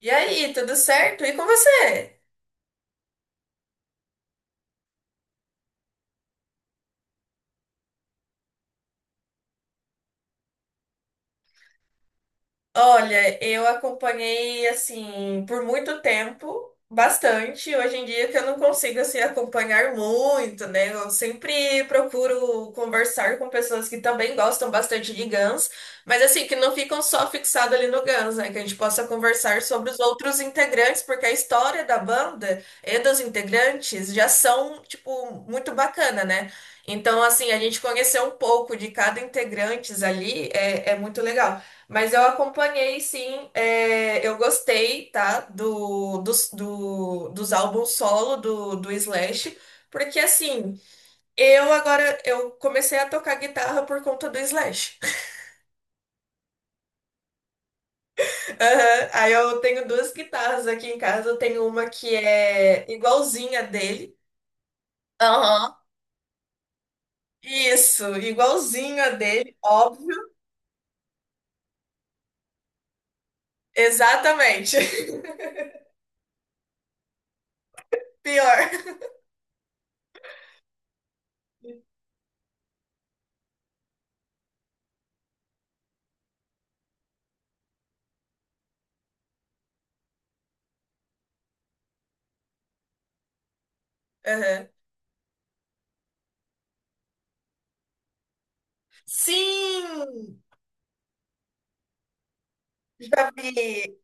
E aí, tudo certo? E com você? Olha, eu acompanhei assim por muito tempo, bastante. Hoje em dia que eu não consigo assim acompanhar muito, né? Eu sempre procuro conversar com pessoas que também gostam bastante de Guns, mas assim que não ficam só fixadas ali no Guns, né? Que a gente possa conversar sobre os outros integrantes, porque a história da banda e dos integrantes já são tipo muito bacana, né? Então assim a gente conhecer um pouco de cada integrante ali é muito legal. Mas eu acompanhei, sim, eu gostei, tá, dos álbuns solo do Slash, porque assim, eu agora, eu comecei a tocar guitarra por conta do Slash. Aham, aí eu tenho duas guitarras aqui em casa, eu tenho uma que é igualzinha dele. Aham. Isso, igualzinha dele, óbvio. Exatamente. Pior. Aham. Sim, já vi.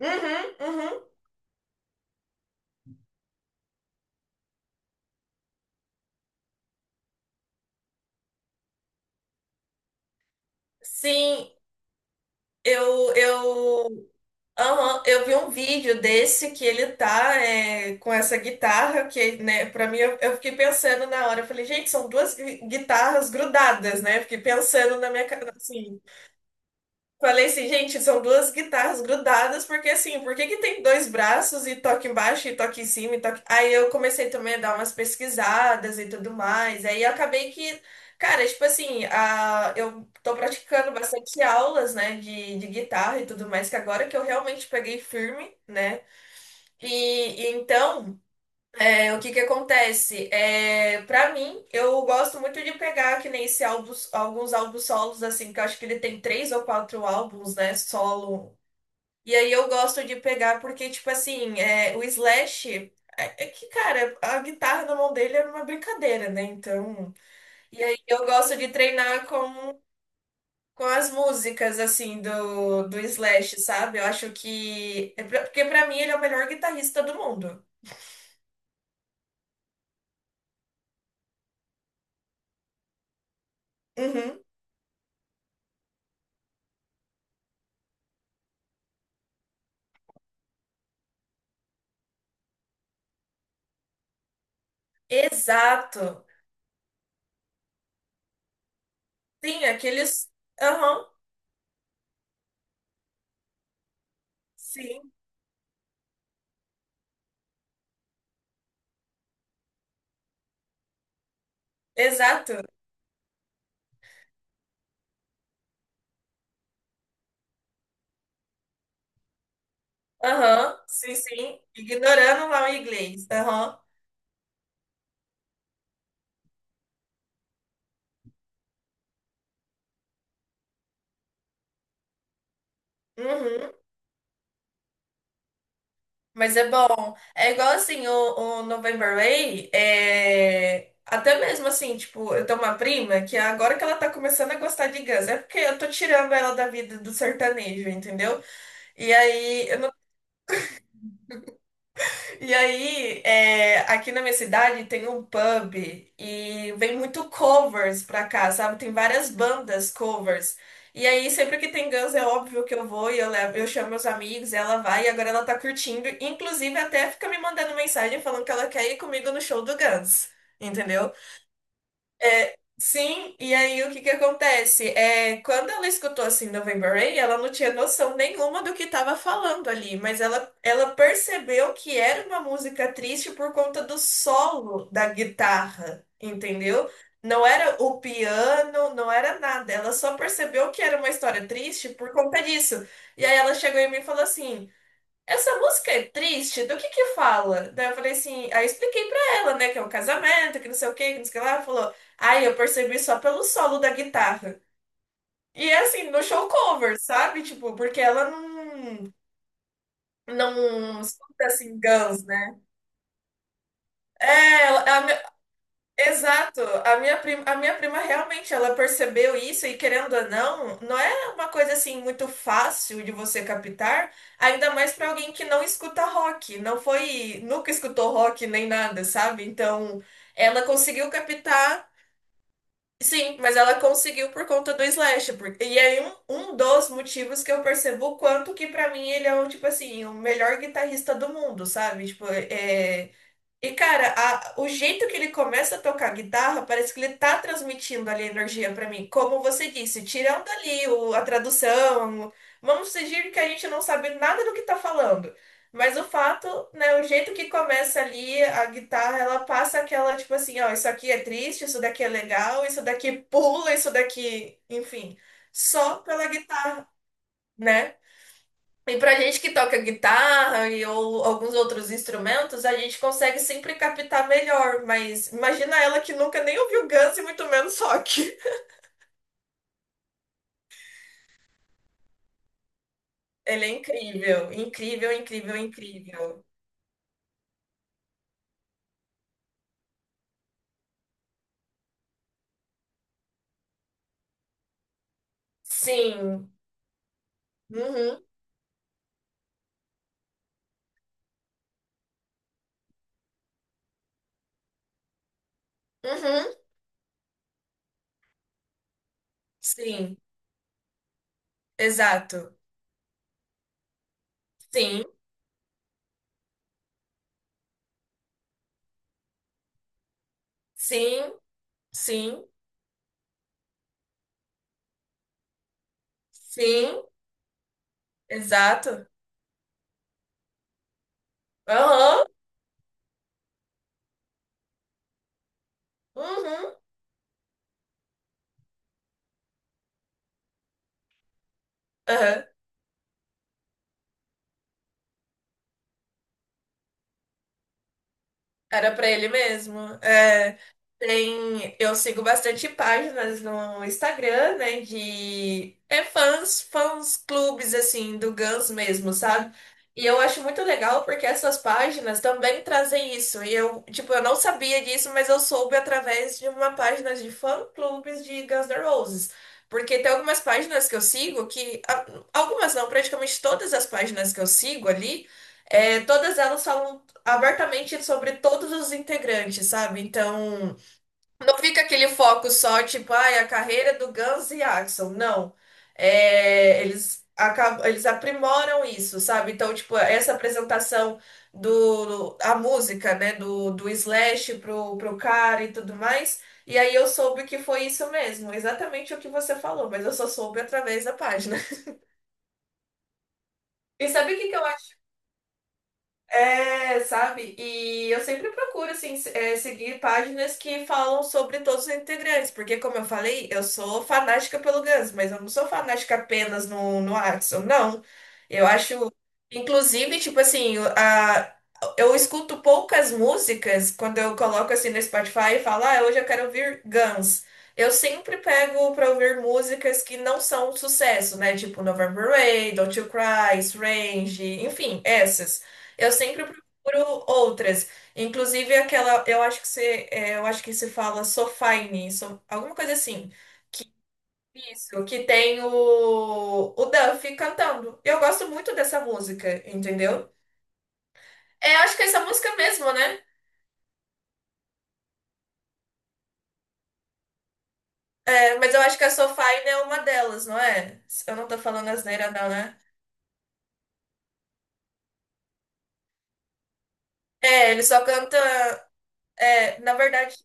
Uhum, uhum. Sim, Eu, eu, aham, eu vi um vídeo desse que ele tá com essa guitarra que, né, pra mim, eu fiquei pensando na hora, eu falei, gente, são duas guitarras grudadas, né? Eu fiquei pensando na minha cabeça, falei assim, gente, são duas guitarras grudadas, porque assim, por que que tem dois braços e toque embaixo e toque em cima e toque. Aí eu comecei também a dar umas pesquisadas e tudo mais. Aí eu acabei que, cara, tipo assim, eu tô praticando bastante aulas, né, de guitarra e tudo mais, que agora que eu realmente peguei firme, né? E, e então. O que que acontece? Para mim, eu gosto muito de pegar que nem esse álbuns, alguns álbuns solos, assim, que eu acho que ele tem três ou quatro álbuns, né, solo. E aí eu gosto de pegar porque, tipo assim, o Slash, é que, cara, a guitarra na mão dele era uma brincadeira, né, então. E aí eu gosto de treinar com as músicas, assim, do Slash, sabe? Eu acho que... é pra- Porque pra mim ele é o melhor guitarrista do mundo. Uhum. Exato. Sim, aqueles. Aham, sim, exato. Aham, sim, sim. Ignorando lá o inglês. Aham, uhum. Mas é bom. É igual assim, o November Rain, até mesmo assim, tipo, eu tenho uma prima que agora que ela tá começando a gostar de Guns, é porque eu tô tirando ela da vida do sertanejo, entendeu? E aí, E aí, aqui na minha cidade tem um pub e vem muito covers pra cá, sabe? Tem várias bandas covers. E aí, sempre que tem Guns, é óbvio que eu vou e eu levo, eu chamo meus amigos, ela vai e agora ela tá curtindo. Inclusive, até fica me mandando mensagem falando que ela quer ir comigo no show do Guns. Entendeu? É, sim, e aí o que que acontece? Quando ela escutou assim November Rain, ela não tinha noção nenhuma do que estava falando ali, mas ela percebeu que era uma música triste por conta do solo da guitarra, entendeu? Não era o piano, não era nada. Ela só percebeu que era uma história triste por conta disso. E aí ela chegou em mim e falou assim. Essa música é triste? Do que fala? Daí eu falei assim, aí eu expliquei pra ela, né, que é um casamento, que não sei o que, que não sei o que lá. Ela falou, ai, eu percebi só pelo solo da guitarra. E é assim, no show cover, sabe? Tipo, porque ela não escuta assim Guns, né? Ela, ela. Exato. A minha prima realmente ela percebeu isso e querendo ou não, não é uma coisa assim muito fácil de você captar, ainda mais para alguém que não escuta rock, não foi, nunca escutou rock nem nada, sabe? Então, ela conseguiu captar, sim, mas ela conseguiu por conta do Slash, e aí um dos motivos que eu percebo o quanto que para mim ele é o tipo assim, o melhor guitarrista do mundo, sabe? Tipo, e, cara, o jeito que ele começa a tocar guitarra, parece que ele tá transmitindo ali a energia pra mim. Como você disse, tirando ali a tradução, vamos fingir que a gente não sabe nada do que tá falando. Mas o fato, né, o jeito que começa ali a guitarra, ela passa aquela, tipo assim, ó, isso aqui é triste, isso daqui é legal, isso daqui pula, isso daqui, enfim, só pela guitarra, né? E pra gente que toca guitarra e ou alguns outros instrumentos, a gente consegue sempre captar melhor, mas imagina ela que nunca nem ouviu Guns e muito menos rock. Ele é incrível, incrível, incrível, incrível. Sim. Uhum, uhum. Sim, exato. Sim, sim, sim, sim, exato. Aham, uhum, aham. Era pra ele mesmo. Eu sigo bastante páginas no Instagram, né, de fãs clubes assim do Guns mesmo, sabe? E eu acho muito legal porque essas páginas também trazem isso. E eu, tipo, eu não sabia disso, mas eu soube através de uma página de fã clubes de Guns N' Roses. Porque tem algumas páginas que eu sigo que algumas não, praticamente todas as páginas que eu sigo ali todas elas falam abertamente sobre todos os integrantes, sabe? Então, não fica aquele foco só, tipo, ai, a carreira do Guns e Axl. Não. Eles, acabam, eles aprimoram isso, sabe? Então, tipo, essa apresentação do, a música, né, do Slash pro cara e tudo mais. E aí eu soube que foi isso mesmo, exatamente o que você falou, mas eu só soube através da página. E sabe o que que eu. Sabe? E eu sempre procuro, assim, seguir páginas que falam sobre todos os integrantes, porque, como eu falei, eu sou fanática pelo Guns, mas eu não sou fanática apenas no Axl, não. Eu acho, inclusive, tipo assim, eu escuto poucas músicas quando eu coloco, assim, no Spotify e falo, ah, hoje eu quero ouvir Guns. Eu sempre pego pra ouvir músicas que não são um sucesso, né? Tipo November Rain, Don't You Cry, Strange, enfim, essas. Eu sempre procuro outras. Inclusive aquela, eu acho que se fala Sofine, alguma coisa assim. Isso, que tem o Duffy cantando. Eu gosto muito dessa música, entendeu? É, acho que é essa música mesmo, né? É, mas eu acho que a Sofine é uma delas, não é? Eu não tô falando asneira, não, né? É, ele só canta. É, na verdade.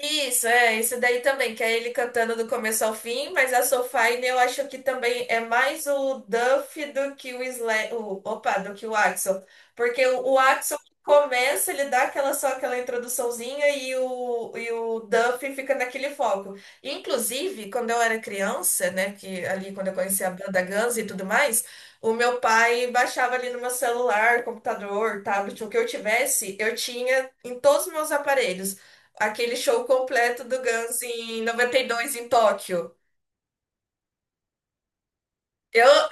Isso, isso daí também, que é ele cantando do começo ao fim, mas a Soulfly eu acho que também é mais o Duff do que o Sla o, opa, do que o Axl, porque o Axl começa, ele dá aquela só aquela introduçãozinha e o Duff fica naquele foco. Inclusive, quando eu era criança, né, que ali quando eu conheci a banda Guns e tudo mais, o meu pai baixava ali no meu celular, computador, tablet, o que eu tivesse, eu tinha em todos os meus aparelhos aquele show completo do Guns em 92 em Tóquio. Eu,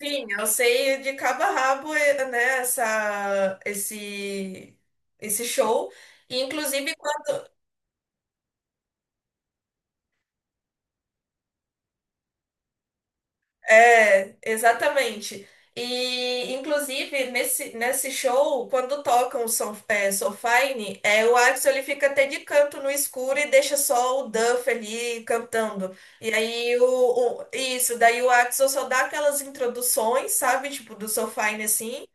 sim, eu sei de cabo a rabo, né, esse show. E, inclusive. É, exatamente. E, inclusive, nesse show, quando tocam o Axl ele fica até de canto no escuro e deixa só o Duff ali cantando. E aí, isso, daí o Axl só dá aquelas introduções, sabe? Tipo, do So assim.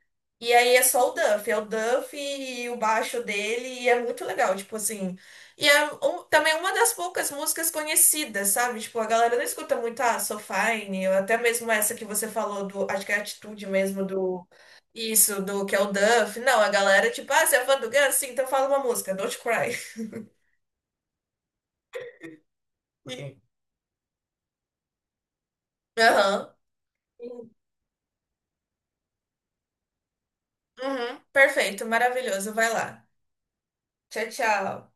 E aí é só o Duff, é o Duff e o baixo dele, e é muito legal, tipo assim. E é também uma das poucas músicas conhecidas, sabe? Tipo, a galera não escuta muito, ah, So Fine, ou até mesmo essa que você falou do, acho que é a atitude mesmo do, isso, do que é o Duff. Não, a galera, tipo, ah, você é fã do Guns? Sim, então fala uma música, Don't Cry. E- Aham. Uhum, perfeito, maravilhoso, vai lá. Tchau, tchau.